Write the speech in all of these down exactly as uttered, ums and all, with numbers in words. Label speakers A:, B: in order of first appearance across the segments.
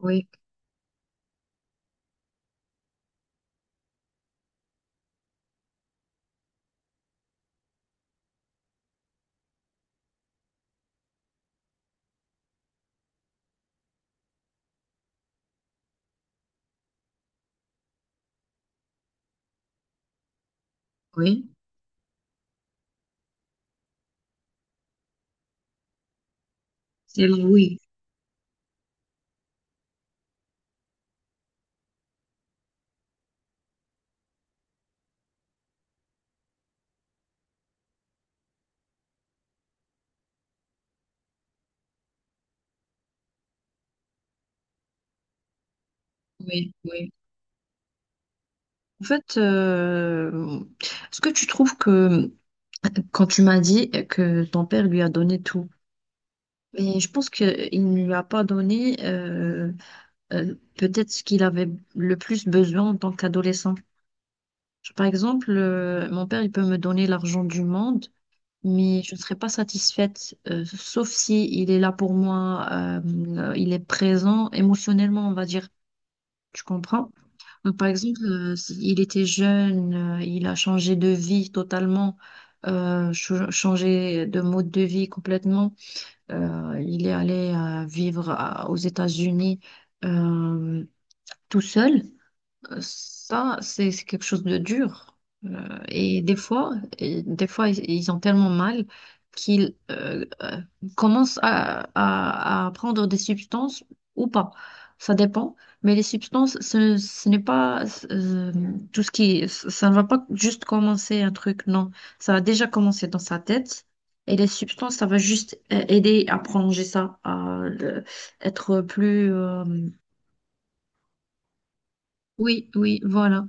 A: Oui, oui, c'est le oui, oui, oui. En fait, euh, est-ce que tu trouves que quand tu m'as dit que ton père lui a donné tout, mais je pense qu'il ne lui a pas donné euh, euh, peut-être ce qu'il avait le plus besoin en tant qu'adolescent. Je- Par exemple, euh, mon père, il peut me donner l'argent du monde, mais je ne serai pas satisfaite, euh, sauf si il est là pour moi, euh, euh, il est présent émotionnellement, on va dire. Tu comprends? Donc, par exemple, euh, s- il était jeune, euh, il a changé de vie totalement, euh, ch- changé de mode de vie complètement. Euh, il est allé euh, vivre à- aux États-Unis, euh, tout seul. Ça, c'est c'est quelque chose de dur. Euh, et des fois, et des fois, ils, ils ont tellement mal qu'ils euh, euh, commencent à, à- à prendre des substances ou pas. Ça dépend. Mais les substances, ce, ce n'est pas euh, tout ce qui... Ça ne va pas juste commencer un truc, non. Ça a déjà commencé dans sa tête. Et les substances, ça va juste euh, aider à prolonger ça, à euh, être plus... euh, Oui, oui, voilà.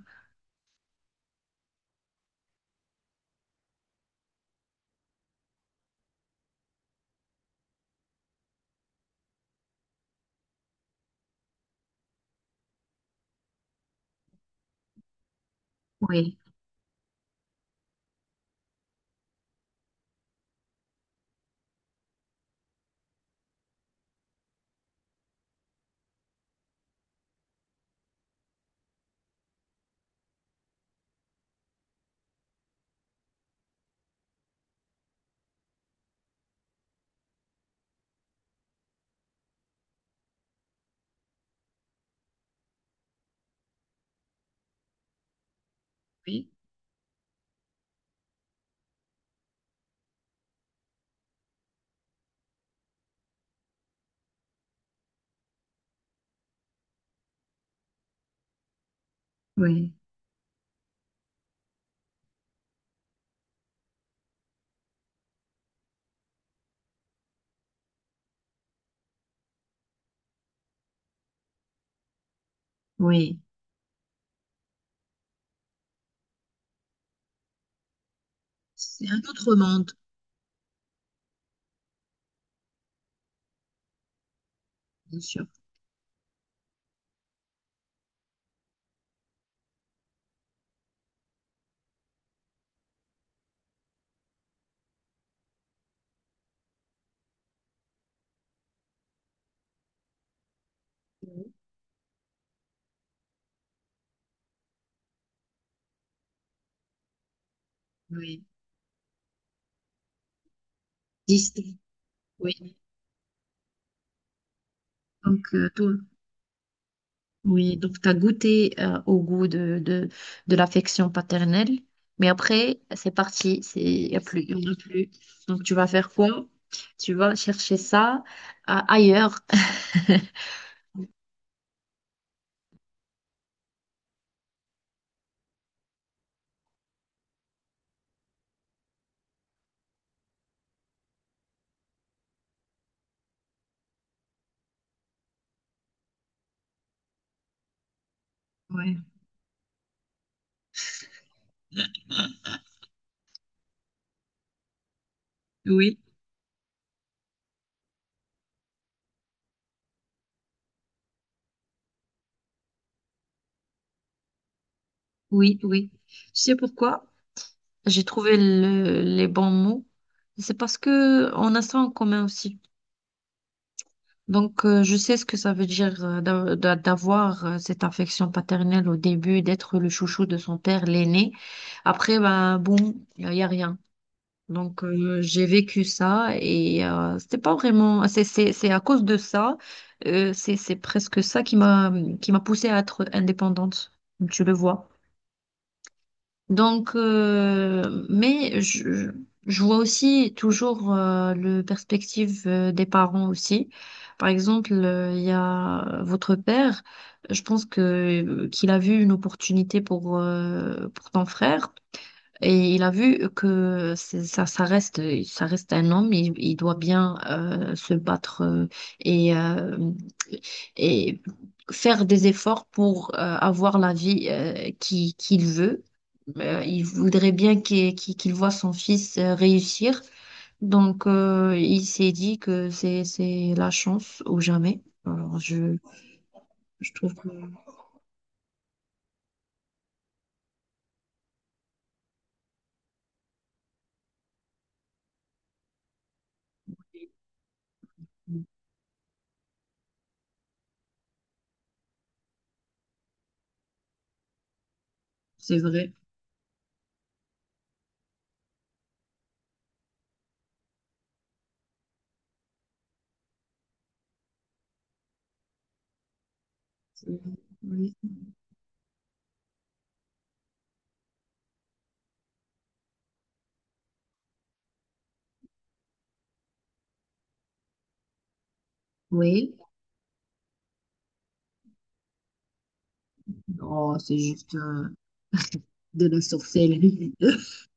A: Oui. Oui. Oui, oui. C'est un autre monde, bien sûr. Oui. Oui, distinct. Oui. Donc, euh, toi, oui, donc tu as goûté euh, au goût de, de, de l'affection paternelle, mais après, c'est parti, c'est, il n'y a plus, il y en a plus. Donc, tu vas faire quoi? Tu vas chercher ça euh, ailleurs. Ouais. Oui, oui, oui. Tu sais pourquoi? J'ai trouvé le- les bons mots. C'est parce que on a ça en commun aussi. Donc, euh, je sais ce que ça veut dire euh, d'a- d'a- d'avoir euh, cette affection paternelle au début, d'être le chouchou de son père, l'aîné. Après, ben, bon, il n'y a rien. Donc, euh, j'ai vécu ça et euh, c'était pas vraiment. C'est c'est- c'est à cause de ça, euh, c'est c'est presque ça qui m'a qui m'a poussée à être indépendante, comme tu le vois. Donc, euh, mais je, je vois aussi toujours euh, le perspective euh, des parents aussi. Par exemple, euh, il y a votre père. Je pense que euh, qu'il a vu une opportunité pour euh, pour ton frère et il a vu que c'est- ça ça reste ça reste un homme. Il, il doit bien euh, se battre euh, et euh, et faire des efforts pour euh, avoir la vie euh, qui qu'il veut. Euh, il voudrait bien qu'il qu'il- qu'il voit son fils euh, réussir. Donc, euh, il s'est dit que c'est, c'est la chance ou jamais. Alors, je, je trouve que c'est vrai. Oui. Oui. Oh, c'est juste euh, de la sorcellerie.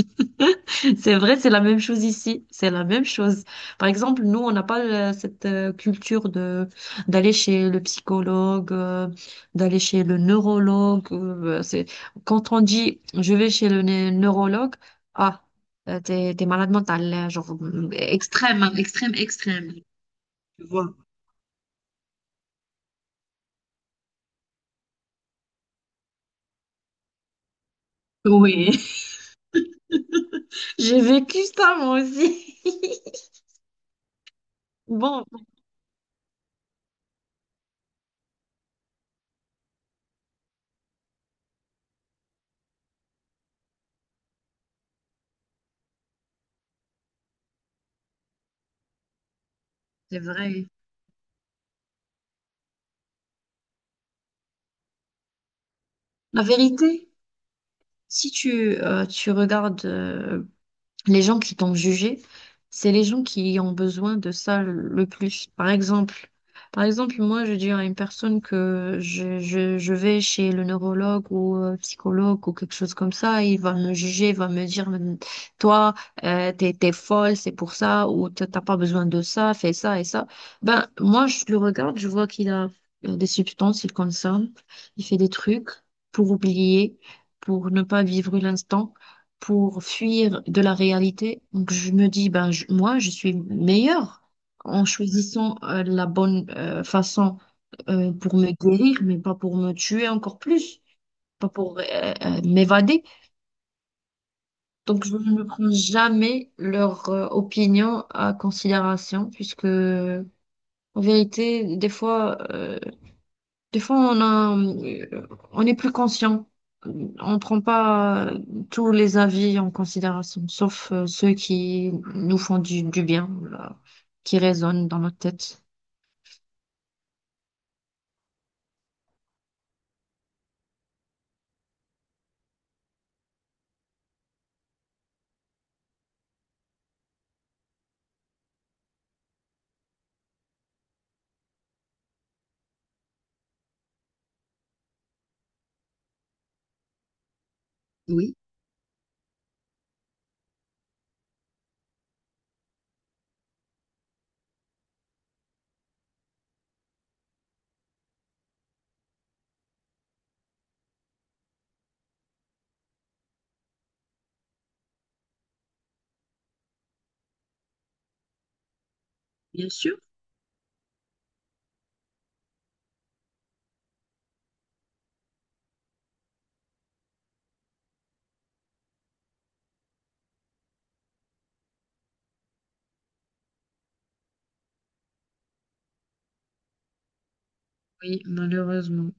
A: C'est vrai, c'est la même chose ici. C'est la même chose. Par exemple, nous, on n'a pas euh, cette euh, culture de d'aller chez le psychologue, euh, d'aller chez le neurologue. Euh, c'est quand on dit je vais chez le né- neurologue, ah, euh, t'es t'es malade mental, euh, genre euh, extrême, hein, extrême, extrême. Tu vois. Oui, j'ai vécu ça moi aussi. Bon, c'est vrai. La vérité, si tu, euh, tu regardes euh, les gens qui t'ont jugé, c'est les gens qui ont besoin de ça le le plus. Par exemple, par exemple, moi, je dis à une personne que je, je, je vais chez le neurologue ou euh, psychologue ou quelque chose comme ça, il va me juger, il va me dire, toi, euh, t'es, t'es folle, c'est pour ça, ou t'as t'as pas besoin de ça, fais ça et ça. Ben, moi, je le regarde, je vois qu'il a euh, des substances, il consomme, il fait des trucs pour oublier, pour ne pas vivre l'instant pour fuir de la réalité. Donc je me dis, ben, je- moi, je suis meilleure en choisissant euh, la bonne euh, façon euh, pour me guérir, mais pas pour me tuer encore plus, pas pour euh, euh, m'évader. Donc je ne prends jamais leur euh, opinion à considération, puisque en vérité, des fois... euh, des fois, on a, euh, on est plus conscient. On prend pas euh, tous les avis en considération, sauf euh, ceux qui nous font du, du bien, là, qui résonnent dans notre tête. Oui, bien sûr. Oui, malheureusement.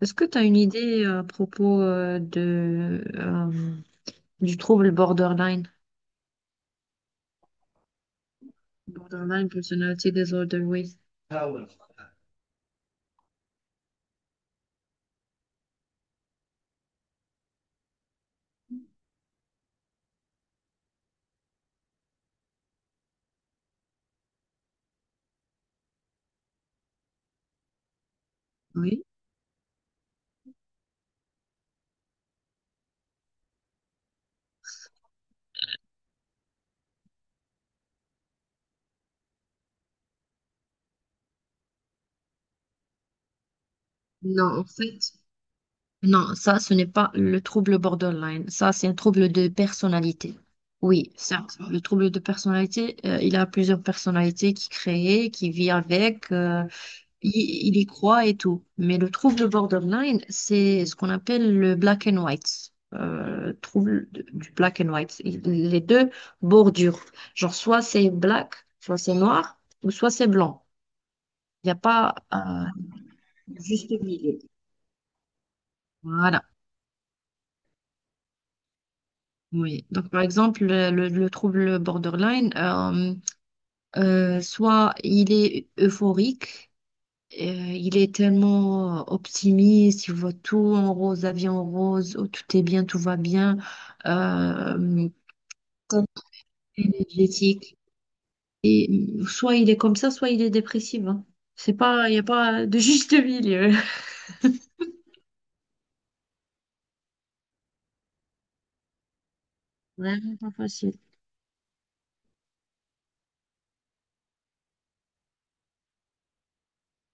A: Est-ce que tu as une idée à propos euh, de, euh, du trouble borderline? Borderline personality disorder, oui. Ah ouais. Oui. Non, en fait, Non, ça, ce n'est pas le trouble borderline. Ça, c'est un trouble de personnalité. Oui, certes, le trouble de personnalité, euh, il a plusieurs personnalités qui créent, qui vit avec, euh, il, il y croit et tout. Mais le trouble borderline, c'est ce qu'on appelle le black and white. Euh, trouble de- du black and white. Il- les deux bordures. Genre, soit c'est black, soit c'est noir, ou soit c'est blanc. Il n'y a pas euh, juste milieu. Voilà. Oui, donc par exemple, le, le- le trouble borderline, euh, euh, soit il est euphorique, euh, il est tellement optimiste, il voit tout en rose, la vie en rose, oh, tout est bien, tout va bien, euh, tellement énergétique. Et euh, soit il est comme ça, soit il est dépressif, hein. C'est pas, il n'y a pas de juste milieu. Vraiment pas facile.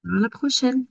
A: À la prochaine.